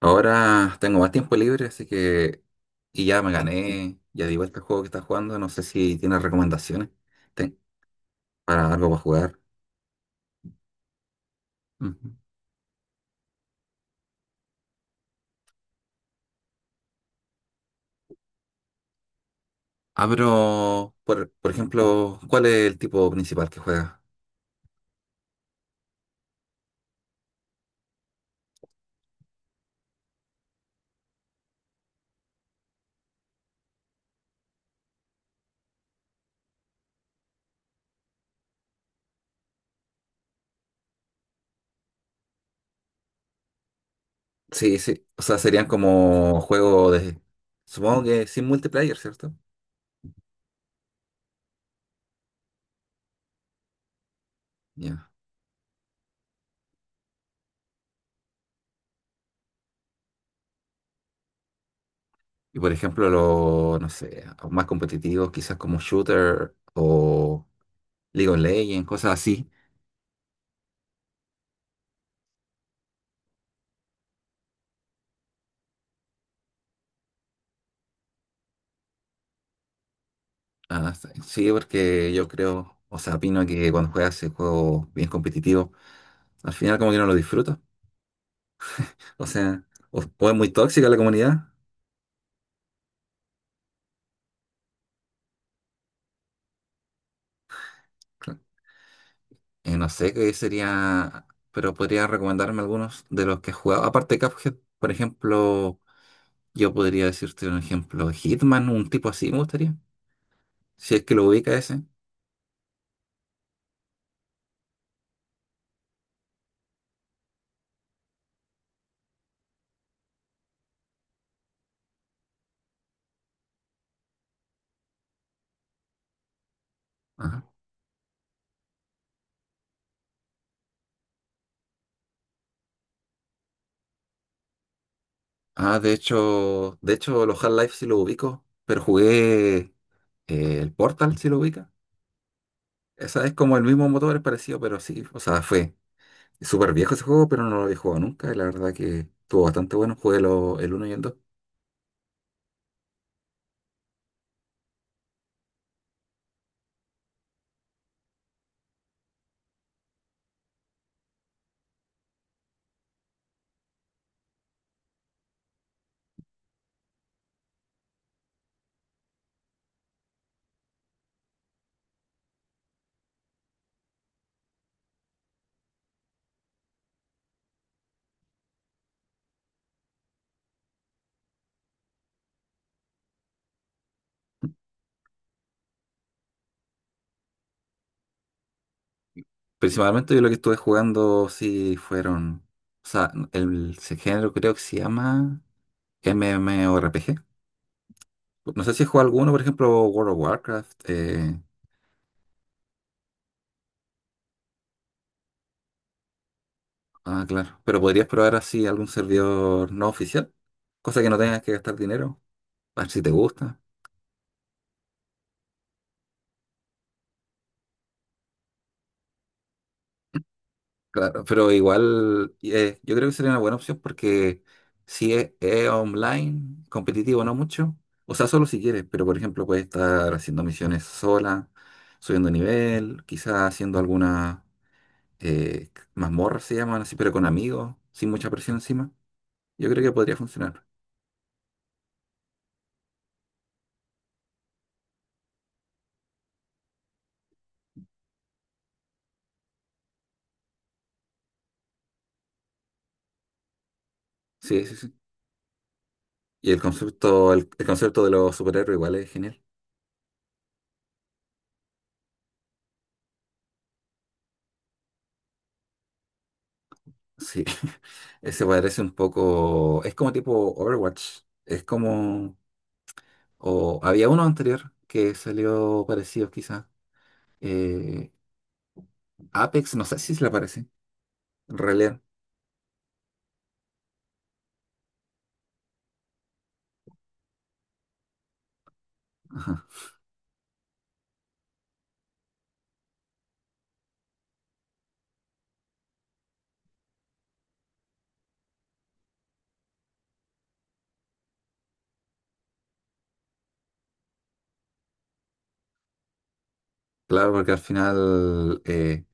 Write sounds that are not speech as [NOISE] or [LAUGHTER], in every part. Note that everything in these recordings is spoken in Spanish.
Ahora tengo más tiempo libre, así que... Y ya me gané, ya di vuelta al juego que estás jugando, no sé si tienes recomendaciones ten- para algo para jugar. Ujú. Ah, pero, por ejemplo, ¿cuál es el tipo principal que juega? Sí, sí, o sea, serían como juegos de... Supongo que sin multiplayer, ¿cierto? Ya. Y por ejemplo, los, no sé, más competitivos, quizás como shooter o... League of Legends, cosas así. Ah, sí, sí, porque yo creo, o sea, opino que cuando juegas ese juego bien competitivo, al final como que no lo disfrutas. O sea, o es muy tóxica la comunidad. Cla- no sé qué sería, pero podría recomendarme algunos de los que he jugado. Aparte de Cuphead, por ejemplo, yo podría decirte un ejemplo, Hitman, un tipo así me gustaría. Si es que lo ubica ese. Ajá. Ah, de hecho, los Half-Life sí lo ubico, pero jugué el Portal, si lo ubica. Esa es como el mismo motor, es parecido, pero sí, o sea, fue súper viejo ese juego, pero no lo había jugado nunca. Y la verdad que estuvo bastante bueno. Jugué el uno y el dos. Principalmente yo lo que estuve jugando sí fueron. O sea, ese género creo que se llama MMORPG. No sé si he jugado alguno, por ejemplo, World of Warcraft. Ah, claro. Pero podrías probar así algún servidor no oficial, cosa que no tengas que gastar dinero, a ver si te gusta. Claro, pero igual yo creo que sería una buena opción porque si es online, competitivo no mucho, o sea, solo si quieres, pero por ejemplo puedes estar haciendo misiones sola, subiendo nivel, quizás haciendo algunas mazmorras se llaman así, pero con amigos, sin mucha presión encima. Yo creo que podría funcionar. Sí, sí, sí. Y el concepto, el concepto de los superhéroes igual es genial. Sí, [LAUGHS] ese parece un poco, es como tipo Overwatch, es como... O había uno anterior que salió parecido quizá. Eh, Apex, no sé si se le parece. Reliant. Ajá. Claro, porque al final,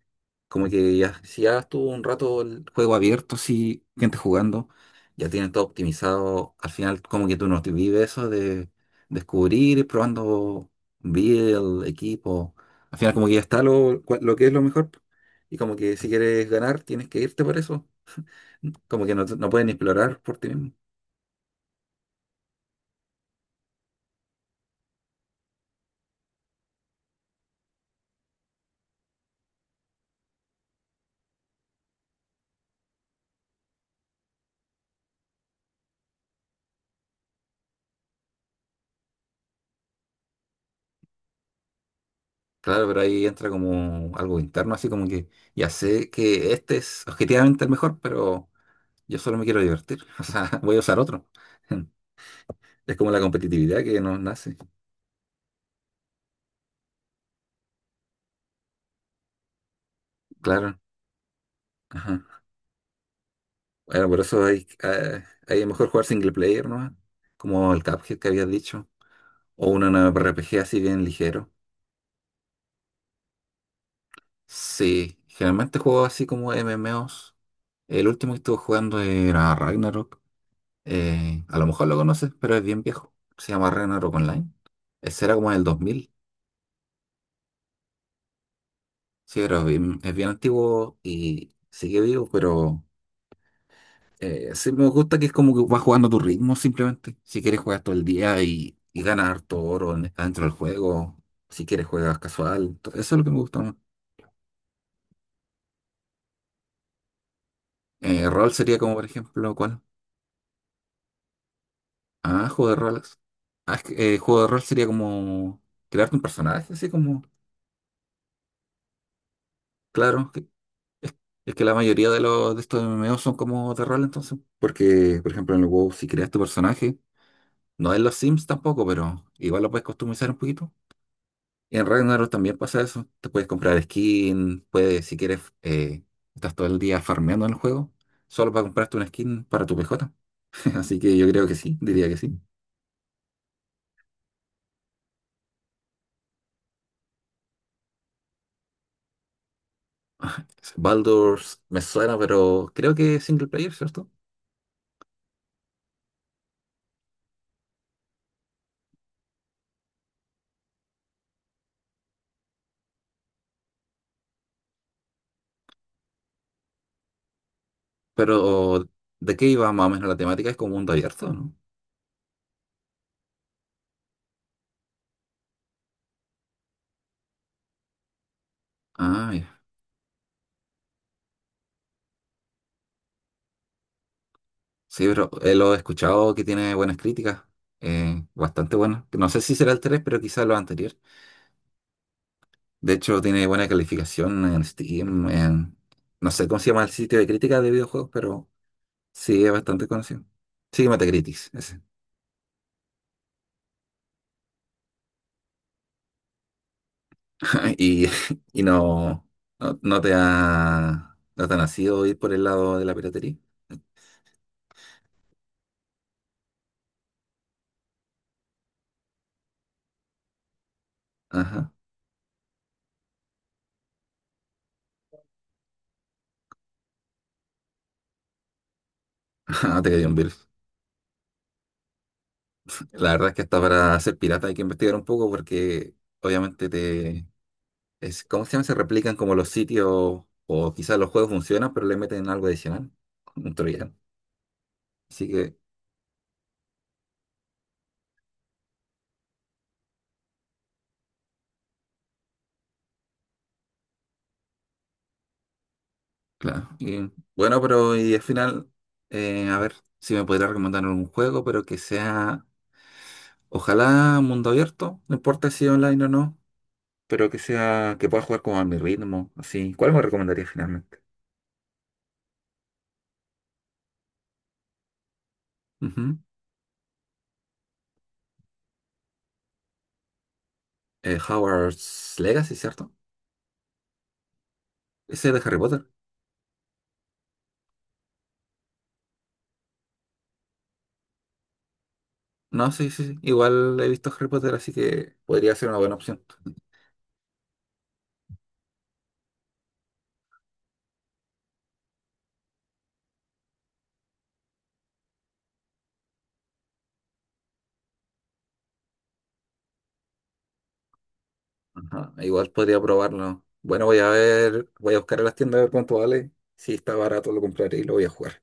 como que ya, si ya estuvo un rato el juego abierto, sí, gente jugando, ya tienen todo optimizado. Al final, como que tú no te vives eso de descubrir, ir probando build, equipo. Al final, como que ya está lo, lo que es lo mejor. Y como que si quieres ganar, tienes que irte por eso. Como que no, no pueden explorar por ti mismo. Claro, pero ahí entra como algo interno, así como que ya sé que este es objetivamente el mejor, pero yo solo me quiero divertir. [LAUGHS] O sea, voy a usar otro. [LAUGHS] Es como la competitividad que nos nace. Claro. Ajá. Bueno, por eso hay, hay mejor jugar single player, ¿no? Como el Cuphead que habías dicho. O un RPG así bien ligero. Sí, generalmente juego así como MMOs. El último que estuve jugando era Ragnarok. A lo mejor lo conoces, pero es bien viejo. Se llama Ragnarok Online. Ese era como del 2000. Sí, pero es bien antiguo y sigue vivo, pero sí me gusta que es como que vas jugando a tu ritmo simplemente. Si quieres juegas todo el día y ganar todo oro dentro del juego. Si quieres juegas casual. Eso es lo que me gusta más. Rol sería como, por ejemplo, ¿cuál? Ah, juego de roles. Ah, es que, juego de rol sería como crearte un personaje, así como, claro. Es que la mayoría de los de estos MMO son como de rol, entonces. Porque, por ejemplo, en el WoW, si creas tu personaje, no en los Sims tampoco, pero igual lo puedes customizar un poquito. Y en Ragnarok también pasa eso. Te puedes comprar skin, puedes, si quieres, estás todo el día farmeando en el juego, solo para comprarte una skin para tu PJ. [LAUGHS] Así que yo creo que sí, diría que sí. [LAUGHS] Baldur's me suena, pero creo que es single player, ¿cierto? Pero, ¿de qué iba más o menos la temática? Es como mundo abierto, ¿no? Ah, sí, pero lo he escuchado que tiene buenas críticas, bastante buenas. No sé si será el 3, pero quizá lo anterior. De hecho, tiene buena calificación en Steam, en... No sé cómo se llama el sitio de crítica de videojuegos, pero sí es bastante conocido. Sí, Metacritic, ese. [LAUGHS] Y, y no, no te ha nacido ir por el lado de la piratería. Ajá, [LAUGHS] no te cayó un virus. La verdad es que hasta para ser pirata hay que investigar un poco porque obviamente te, es, ¿cómo se llama? Se replican como los sitios, o quizás los juegos funcionan, pero le meten algo adicional, un troyano. Así que, claro. Bueno, pero y al final, a ver si me podría recomendar un juego, pero que sea, ojalá mundo abierto, no importa si online o no, pero que sea, que pueda jugar como a mi ritmo, así. ¿Cuál me recomendaría finalmente? Ujú. Howard's Legacy, ¿cierto? Ese es de Harry Potter. No, sí, sí, sí. Igual he visto Harry Potter, así que podría ser una buena opción. Ajá, igual podría probarlo. Bueno, voy a ver, voy a buscar en las tiendas a ver cuánto vale. Si está barato, lo compraré y lo voy a jugar.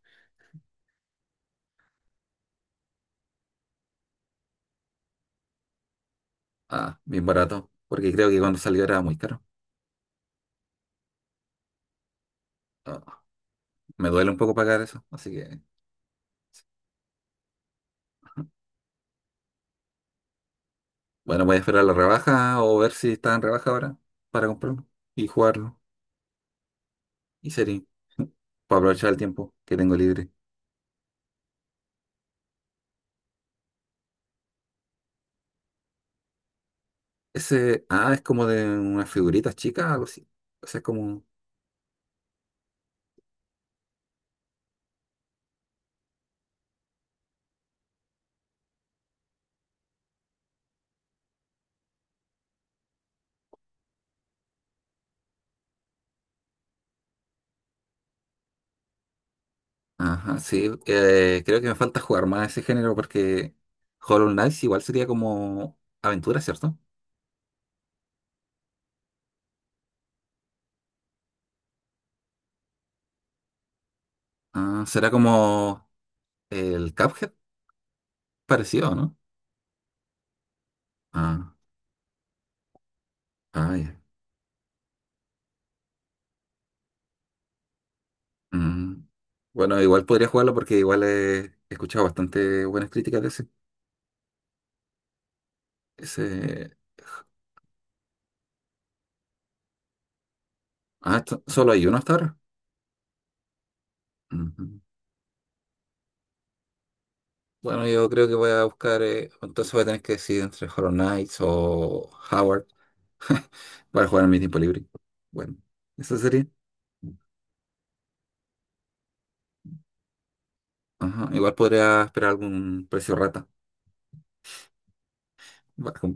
Ah, bien barato, porque creo que cuando salió era muy caro. Ah, me duele un poco pagar eso, así que bueno, voy a esperar la rebaja o ver si está en rebaja ahora para comprarlo y jugarlo. Y sería para aprovechar el tiempo que tengo libre. Ese, ah, es como de unas figuritas chicas, algo así. O sea, es como... Ajá, sí. Creo que me falta jugar más ese género porque Hollow Knight igual sería como aventura, ¿cierto? Ah, será como el Cuphead parecido, ¿no? Ah, ah, ya. Mm. Bueno, igual podría jugarlo porque igual he escuchado bastante buenas críticas de ese. Ese... Ah, solo hay uno hasta ahora. Ujú. Bueno, yo creo que voy a buscar, entonces voy a tener que decidir entre Hollow Knight o Howard [LAUGHS] para jugar en mi tiempo libre. Bueno, eso sería. Ajá, igual podría esperar algún precio rata. Va, com-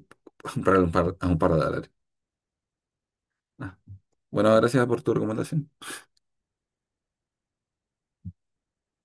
Comprar [LAUGHS] a un par de dólares. Ah, bueno, gracias por tu recomendación.